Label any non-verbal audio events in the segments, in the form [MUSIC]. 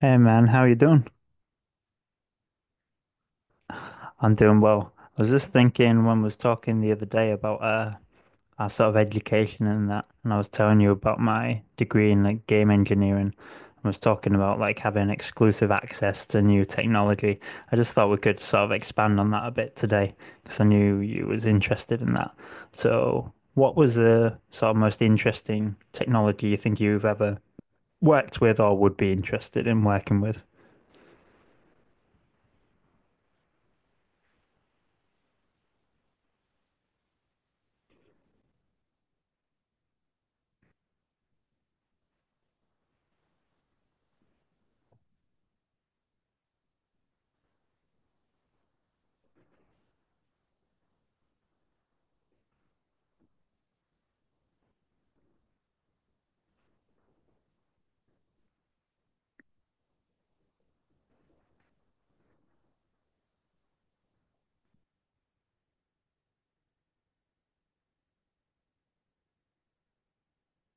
Hey man, how you doing? I'm doing well. I was just thinking when we was talking the other day about our sort of education and that, and I was telling you about my degree in like game engineering. I was talking about like having exclusive access to new technology. I just thought we could sort of expand on that a bit today because I knew you was interested in that. So, what was the sort of most interesting technology you think you've ever worked with or would be interested in working with?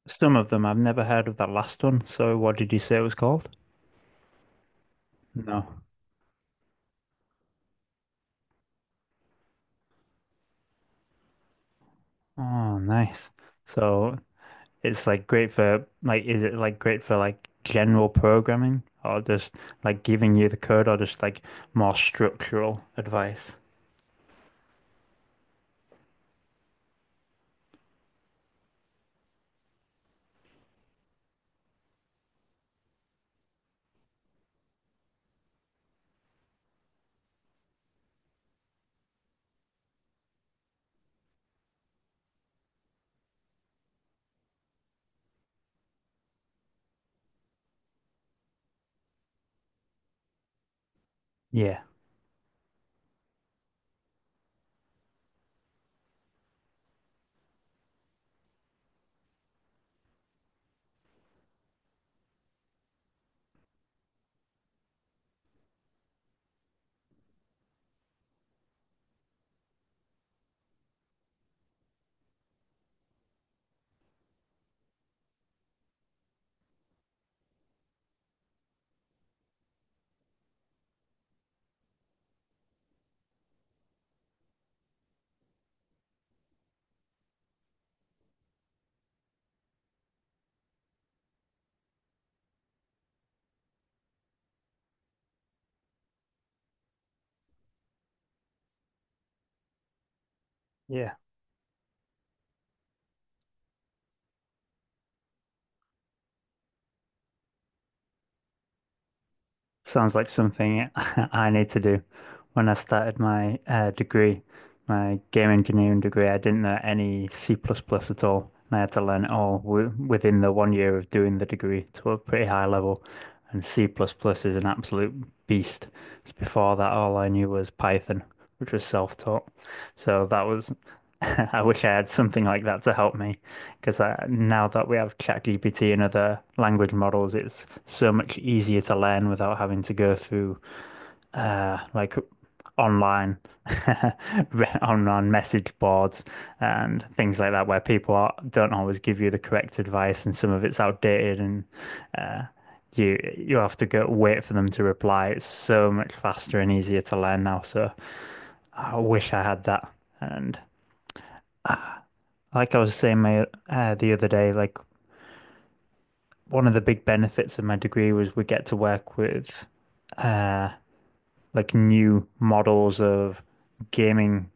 Some of them. I've never heard of that last one. So what did you say it was called? No. Oh, nice. So it's like great for like is it like great for like general programming or just like giving you the code or just like more structural advice? Yeah. Yeah. Sounds like something [LAUGHS] I need to do. When I started my degree, my game engineering degree, I didn't know any C++ plus plus at all, and I had to learn it all w within the 1 year of doing the degree to a pretty high level. And C++ plus plus is an absolute beast. So before that, all I knew was Python, which was self-taught. So that was. [LAUGHS] I wish I had something like that to help me because now that we have ChatGPT and other language models, it's so much easier to learn without having to go through like online [LAUGHS] online message boards and things like that where people are, don't always give you the correct advice and some of it's outdated and you have to go wait for them to reply. It's so much faster and easier to learn now. So I wish I had that and. Like I was saying my, the other day, like one of the big benefits of my degree was we get to work with like new models of gaming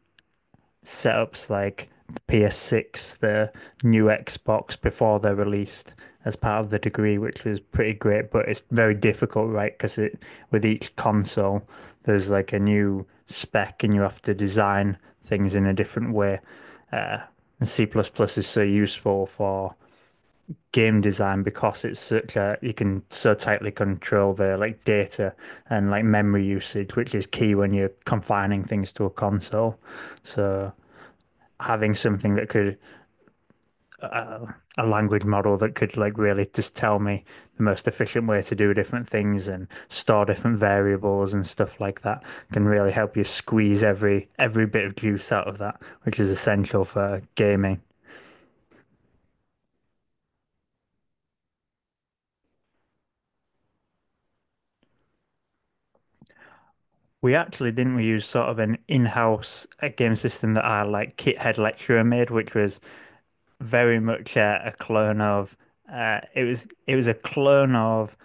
setups like the PS6, the new Xbox before they're released as part of the degree, which was pretty great, but it's very difficult, right? Because it with each console there's like a new spec and you have to design things in a different way. And C++ plus plus is so useful for game design because it's such a you can so tightly control the like data and like memory usage, which is key when you're confining things to a console. So having something that could a language model that could like really just tell me the most efficient way to do different things and store different variables and stuff like that can really help you squeeze every bit of juice out of that, which is essential for gaming. We actually didn't we use sort of an in-house game system that our like kit head lecturer made, which was very much a clone of it was a clone of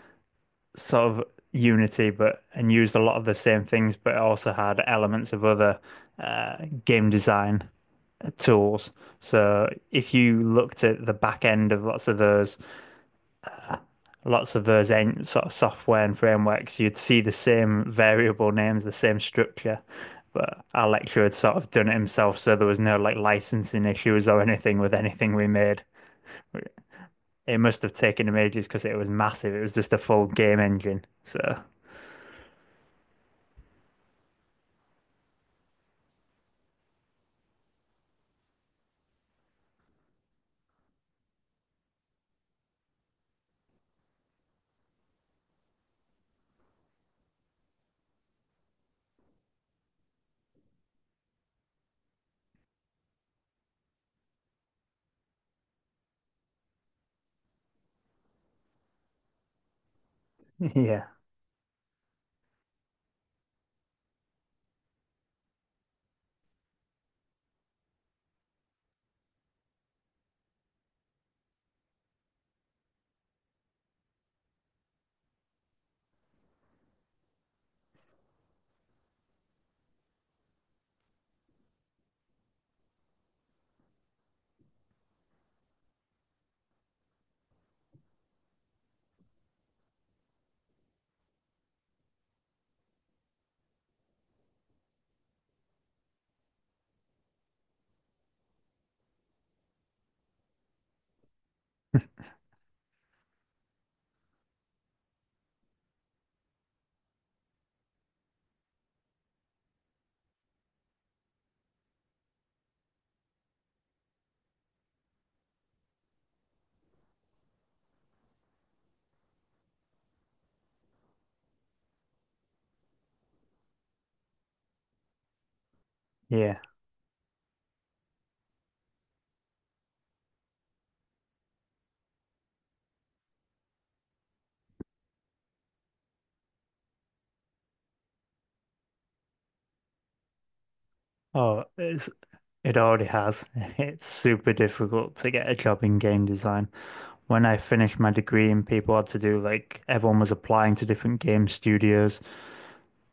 sort of Unity, but and used a lot of the same things, but also had elements of other uh, game design tools. So if you looked at the back end of lots of those en sort of software and frameworks, you'd see the same variable names, the same structure. But our lecturer had sort of done it himself, so there was no like licensing issues or anything with anything we made. It must have taken him ages because it was massive. It was just a full game engine. So [LAUGHS] yeah, yeah. Oh, it's it already has. [LAUGHS] It's super difficult to get a job in game design. When I finished my degree and people had to do like everyone was applying to different game studios,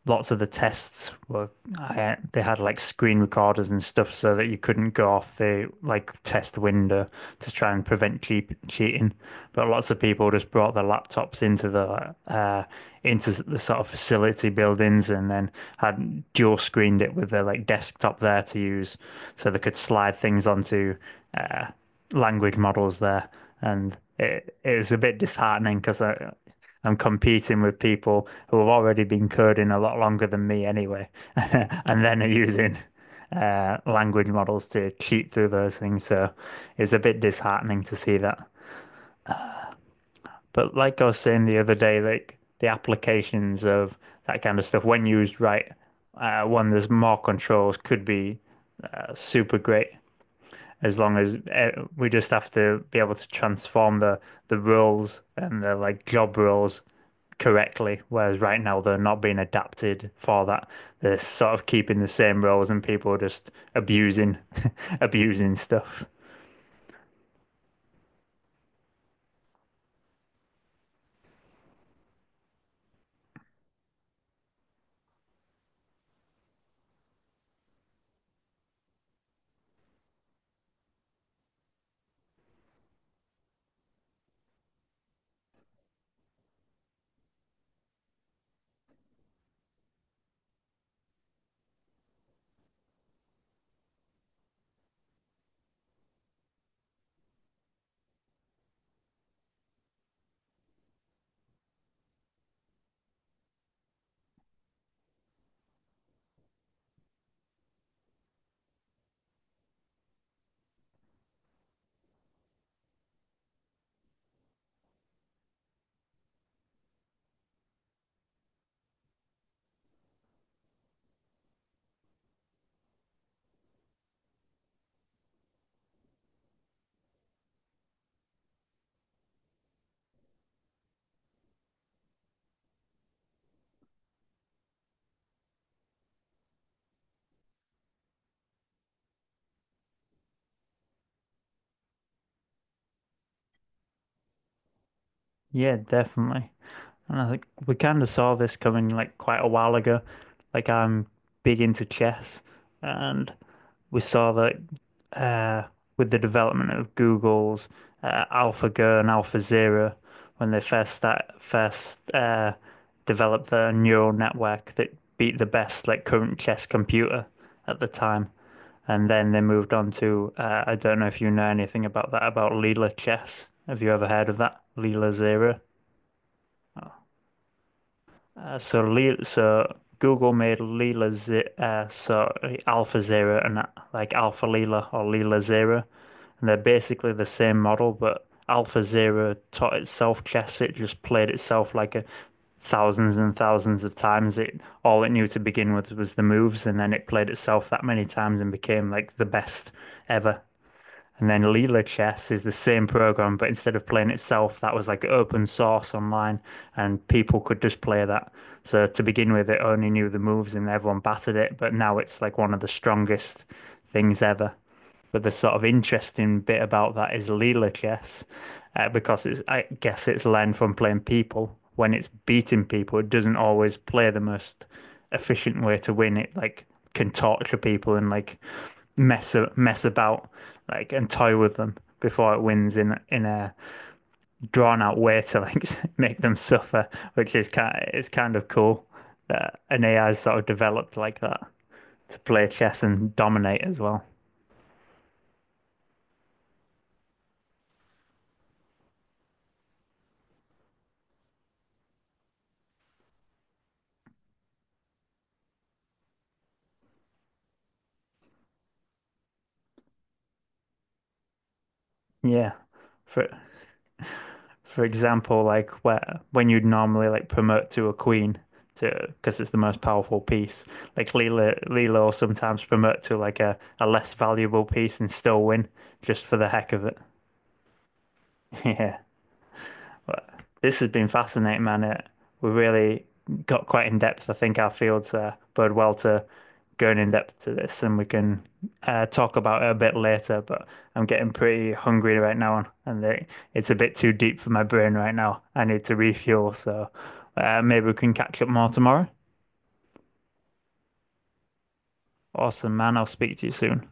lots of the tests were I, they had like screen recorders and stuff so that you couldn't go off the like test window to try and prevent cheating. But lots of people just brought their laptops into the sort of facility buildings and then had dual screened it with their like desktop there to use, so they could slide things onto uh, language models there. And it was a bit disheartening because I'm competing with people who have already been coding a lot longer than me anyway, [LAUGHS] and then are using language models to cheat through those things. So it's a bit disheartening to see that. But like I was saying the other day, like the applications of that kind of stuff, when used right, one there's more controls, could be super great as long as we just have to be able to transform the rules and the like job rules correctly, whereas right now they're not being adapted for that. They're sort of keeping the same rules and people are just abusing [LAUGHS] abusing stuff. Yeah, definitely. And I think we kind of saw this coming like quite a while ago. Like I'm big into chess and we saw that uh, with the development of Google's AlphaGo and AlphaZero, when they first developed their neural network that beat the best like current chess computer at the time, and then they moved on to I don't know if you know anything about that about Leela chess. Have you ever heard of that Leela Zero? So, Google made Leela Z so Alpha Zero and like Alpha Leela or Leela Zero, and they're basically the same model, but Alpha Zero taught itself chess. It just played itself like a thousands and thousands of times. It all it knew to begin with was the moves, and then it played itself that many times and became like the best ever. And then Leela Chess is the same program, but instead of playing itself, that was like open source online, and people could just play that. So to begin with, it only knew the moves and everyone battered it, but now it's like one of the strongest things ever. But the sort of interesting bit about that is Lelachess, because it's, I guess it's learned from playing people. When it's beating people, it doesn't always play the most efficient way to win. It like can torture people and like mess about like and toy with them before it wins in a drawn out way to like [LAUGHS] make them suffer, which is kind of cool that an AI sort of developed like that to play chess and dominate as well. Yeah, for for example, like where when you'd normally like promote to a queen to because it's the most powerful piece, like Leela will sometimes promote to like a less valuable piece and still win just for the heck of it. [LAUGHS] Yeah. This has been fascinating, man. It, we really got quite in depth. I think our fields bode well to going in depth to this, and we can talk about it a bit later. But I'm getting pretty hungry right now, and it, it's a bit too deep for my brain right now. I need to refuel, so maybe we can catch up more tomorrow. Awesome, man. I'll speak to you soon.